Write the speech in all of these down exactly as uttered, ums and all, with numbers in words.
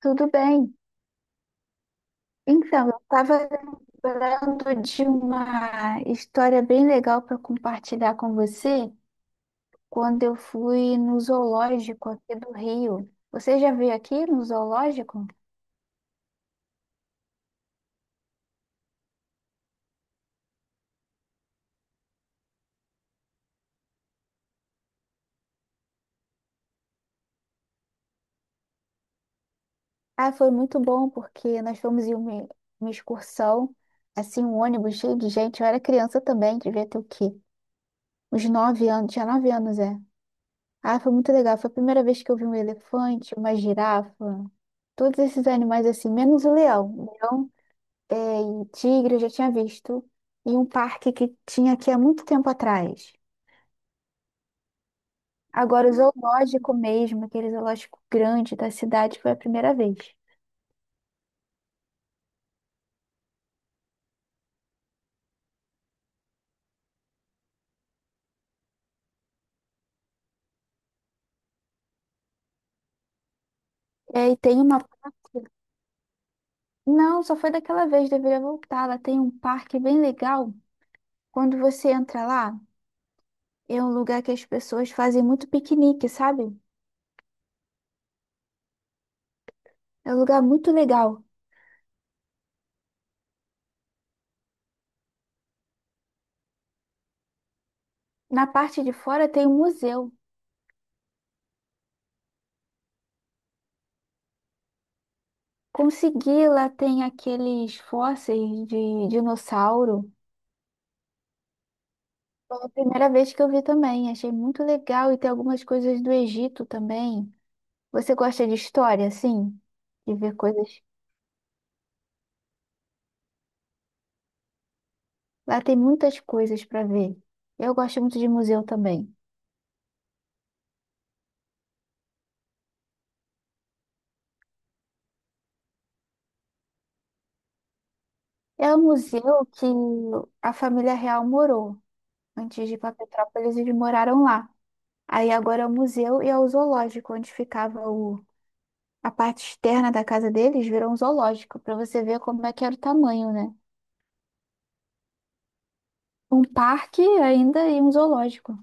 Tudo bem. Então, eu estava lembrando de uma história bem legal para compartilhar com você quando eu fui no zoológico aqui do Rio. Você já veio aqui no zoológico? Ah, foi muito bom porque nós fomos em uma, uma excursão, assim, um ônibus cheio de gente. Eu era criança também, devia ter o quê? Uns nove anos, tinha nove anos, é. Ah, foi muito legal. Foi a primeira vez que eu vi um elefante, uma girafa, todos esses animais assim, menos o leão, é, e tigre eu já tinha visto em um parque que tinha aqui há muito tempo atrás. Agora, o zoológico mesmo, aquele zoológico grande da cidade, foi a primeira vez. E aí tem uma parte. Não, só foi daquela vez, deveria voltar. Lá tem um parque bem legal. Quando você entra lá, é um lugar que as pessoas fazem muito piquenique, sabe? É um lugar muito legal. Na parte de fora tem um museu. Consegui, lá tem aqueles fósseis de dinossauro. Foi a primeira vez que eu vi também, achei muito legal e tem algumas coisas do Egito também. Você gosta de história, assim? De ver coisas? Lá tem muitas coisas para ver. Eu gosto muito de museu também. É um museu que a família real morou. Antes de ir para Petrópolis, eles moraram lá. Aí agora é o museu e é o zoológico, onde ficava o... a parte externa da casa deles, virou um zoológico, para você ver como é que era o tamanho, né? Um parque ainda e um zoológico.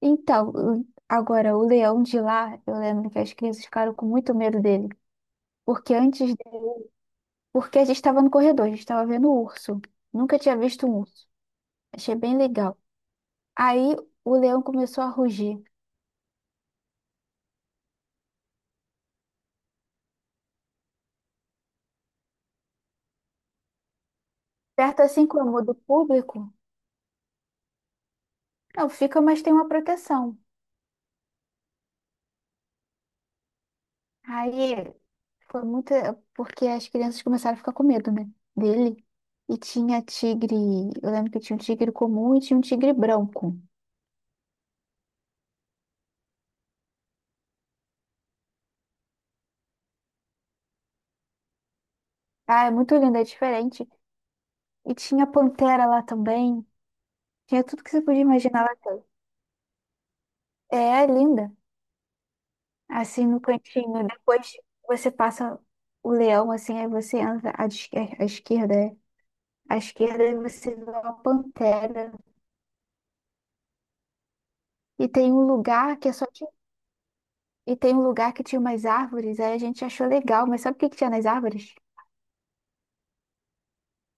Então, o- agora, o leão de lá, eu lembro que as crianças ficaram com muito medo dele. Porque antes, de- porque a gente estava no corredor, a gente estava vendo o urso. Nunca tinha visto um urso. Achei bem legal. Aí o leão começou a rugir. Perto assim como o do público, não fica, mas tem uma proteção. Aí foi muito. Porque as crianças começaram a ficar com medo, né? Dele. E tinha tigre. Eu lembro que tinha um tigre comum e tinha um tigre branco. Ah, é muito lindo, é diferente. E tinha pantera lá também. Tinha tudo que você podia imaginar lá também. É, é linda. Assim no cantinho. Depois você passa o leão, assim, aí você entra à esquer- à esquerda. É. À esquerda aí você vê uma pantera. E tem um lugar que é só de... E tem um lugar que tinha umas árvores. Aí a gente achou legal. Mas sabe o que que tinha nas árvores?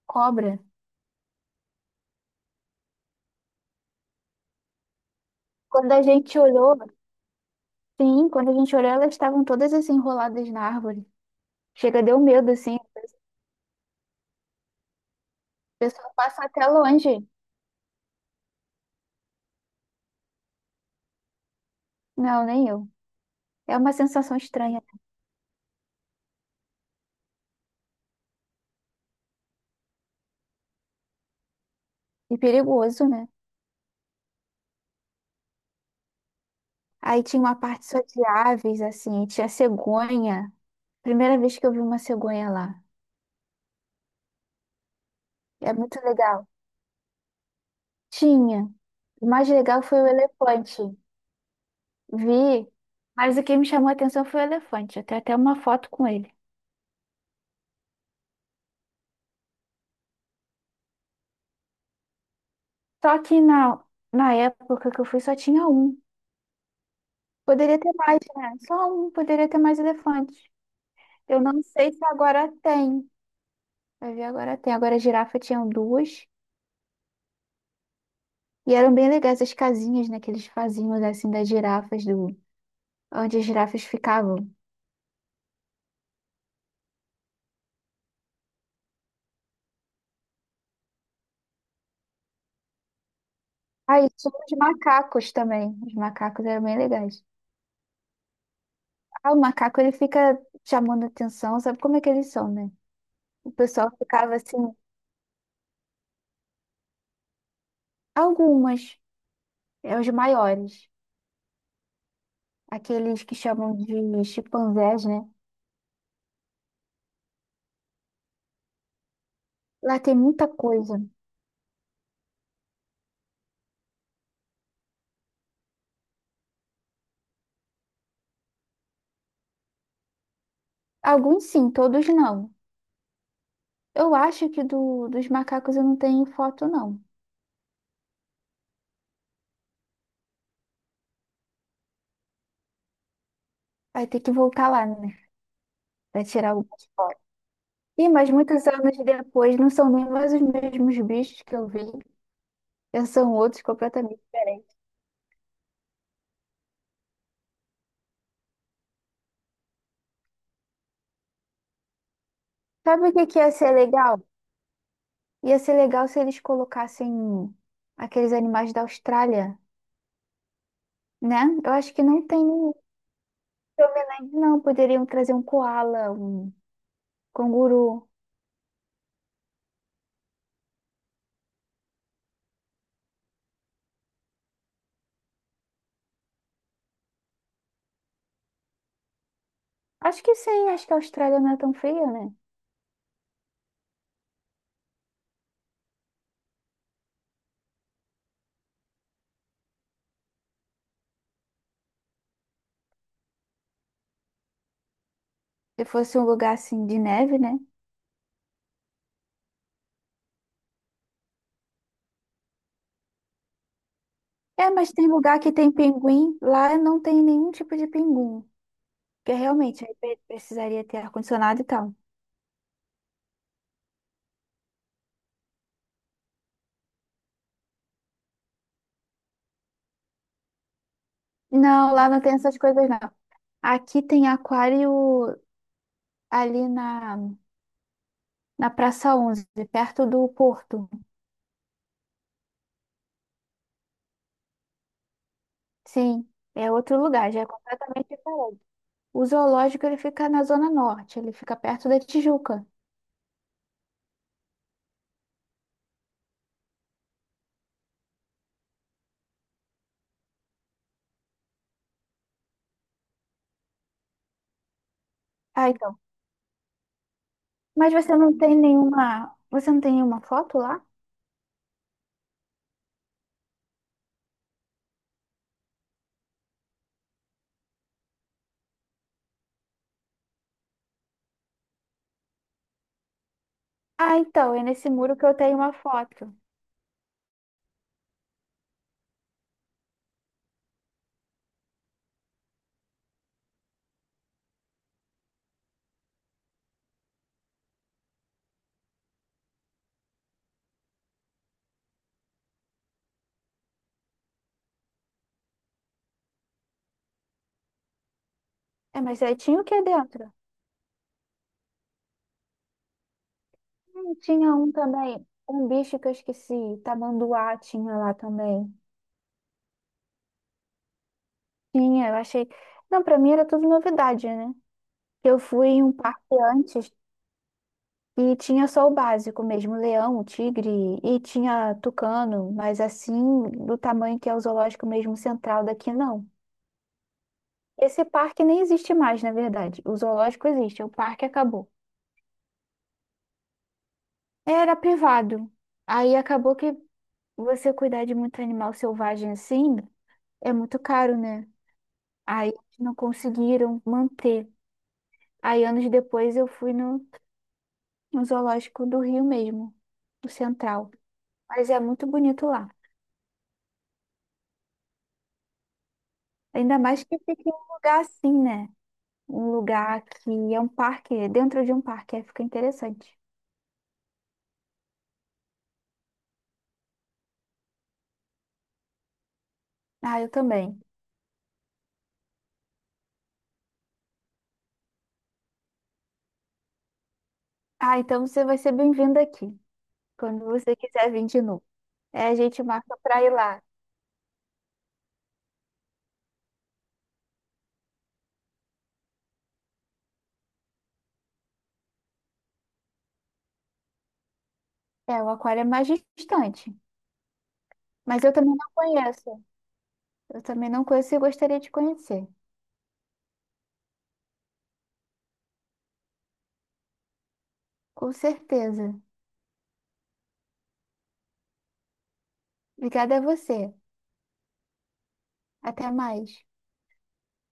Cobra. Quando a gente olhou, sim, quando a gente olhou, elas estavam todas assim enroladas na árvore. Chega, deu medo, assim. O pessoal passa até longe. Não, nem eu. É uma sensação estranha e perigoso, né? Aí tinha uma parte só de aves, assim, tinha cegonha. Primeira vez que eu vi uma cegonha lá. É muito legal. Tinha. O mais legal foi o elefante. Vi, mas o que me chamou a atenção foi o elefante. Eu tenho até uma foto com ele. Só que na, na época que eu fui só tinha um. Poderia ter mais, né? Só um, poderia ter mais elefantes. Eu não sei se agora tem. Vai ver, agora tem. Agora a girafa tinha duas. E eram bem legais as casinhas, né, que eles faziam, assim, das girafas, do... onde as girafas ficavam. Ah, e tinha os macacos também. Os macacos eram bem legais. Ah, o macaco, ele fica chamando atenção, sabe como é que eles são, né? O pessoal ficava assim, algumas, é os maiores, aqueles que chamam de chimpanzés, né? Lá tem muita coisa. Alguns sim, todos não. Eu acho que do, dos macacos eu não tenho foto, não. Vai ter que voltar lá, né? Pra tirar algumas fotos. Ih, mas muitos anos depois não são nem mais os mesmos bichos que eu vi. Já são outros completamente diferentes. Sabe o que que ia ser legal? Ia ser legal se eles colocassem aqueles animais da Austrália, né? Eu acho que não tem nenhum que eu me lembre, não. Poderiam trazer um koala, um canguru. Acho que sim, acho que a Austrália não é tão fria, né? Se fosse um lugar assim de neve, né? É, mas tem lugar que tem pinguim, lá não tem nenhum tipo de pinguim. Porque realmente aí pre- precisaria ter ar-condicionado e tal. Não, lá não tem essas coisas, não. Aqui tem aquário ali na, na Praça onze, perto do Porto. Sim, é outro lugar, já é completamente diferente. O zoológico ele fica na Zona Norte, ele fica perto da Tijuca. Ah, então. Mas você não tem nenhuma, você não tem nenhuma foto lá? Ah, então, é nesse muro que eu tenho uma foto. É, mas aí tinha o que dentro? Hum, tinha um também, um bicho que eu esqueci, tamanduá tinha lá também. Tinha, eu achei. Não, pra mim era tudo novidade, né? Eu fui em um parque antes e tinha só o básico mesmo, leão, tigre e tinha tucano, mas assim, do tamanho que é o zoológico mesmo central daqui, não. Esse parque nem existe mais, na verdade. O zoológico existe, o parque acabou. Era privado. Aí acabou que você cuidar de muito animal selvagem assim é muito caro, né? Aí não conseguiram manter. Aí anos depois eu fui no no zoológico do Rio mesmo, do Central. Mas é muito bonito lá. Ainda mais que fica em um lugar assim, né? Um lugar que é um parque, é dentro de um parque, aí fica interessante. Ah, eu também. Ah, então você vai ser bem-vindo aqui, quando você quiser vir de novo. É, a gente marca pra ir lá. É, o aquário é mais distante, mas eu também não conheço. Eu também não conheço e gostaria de conhecer. Com certeza. Obrigada a você. Até mais.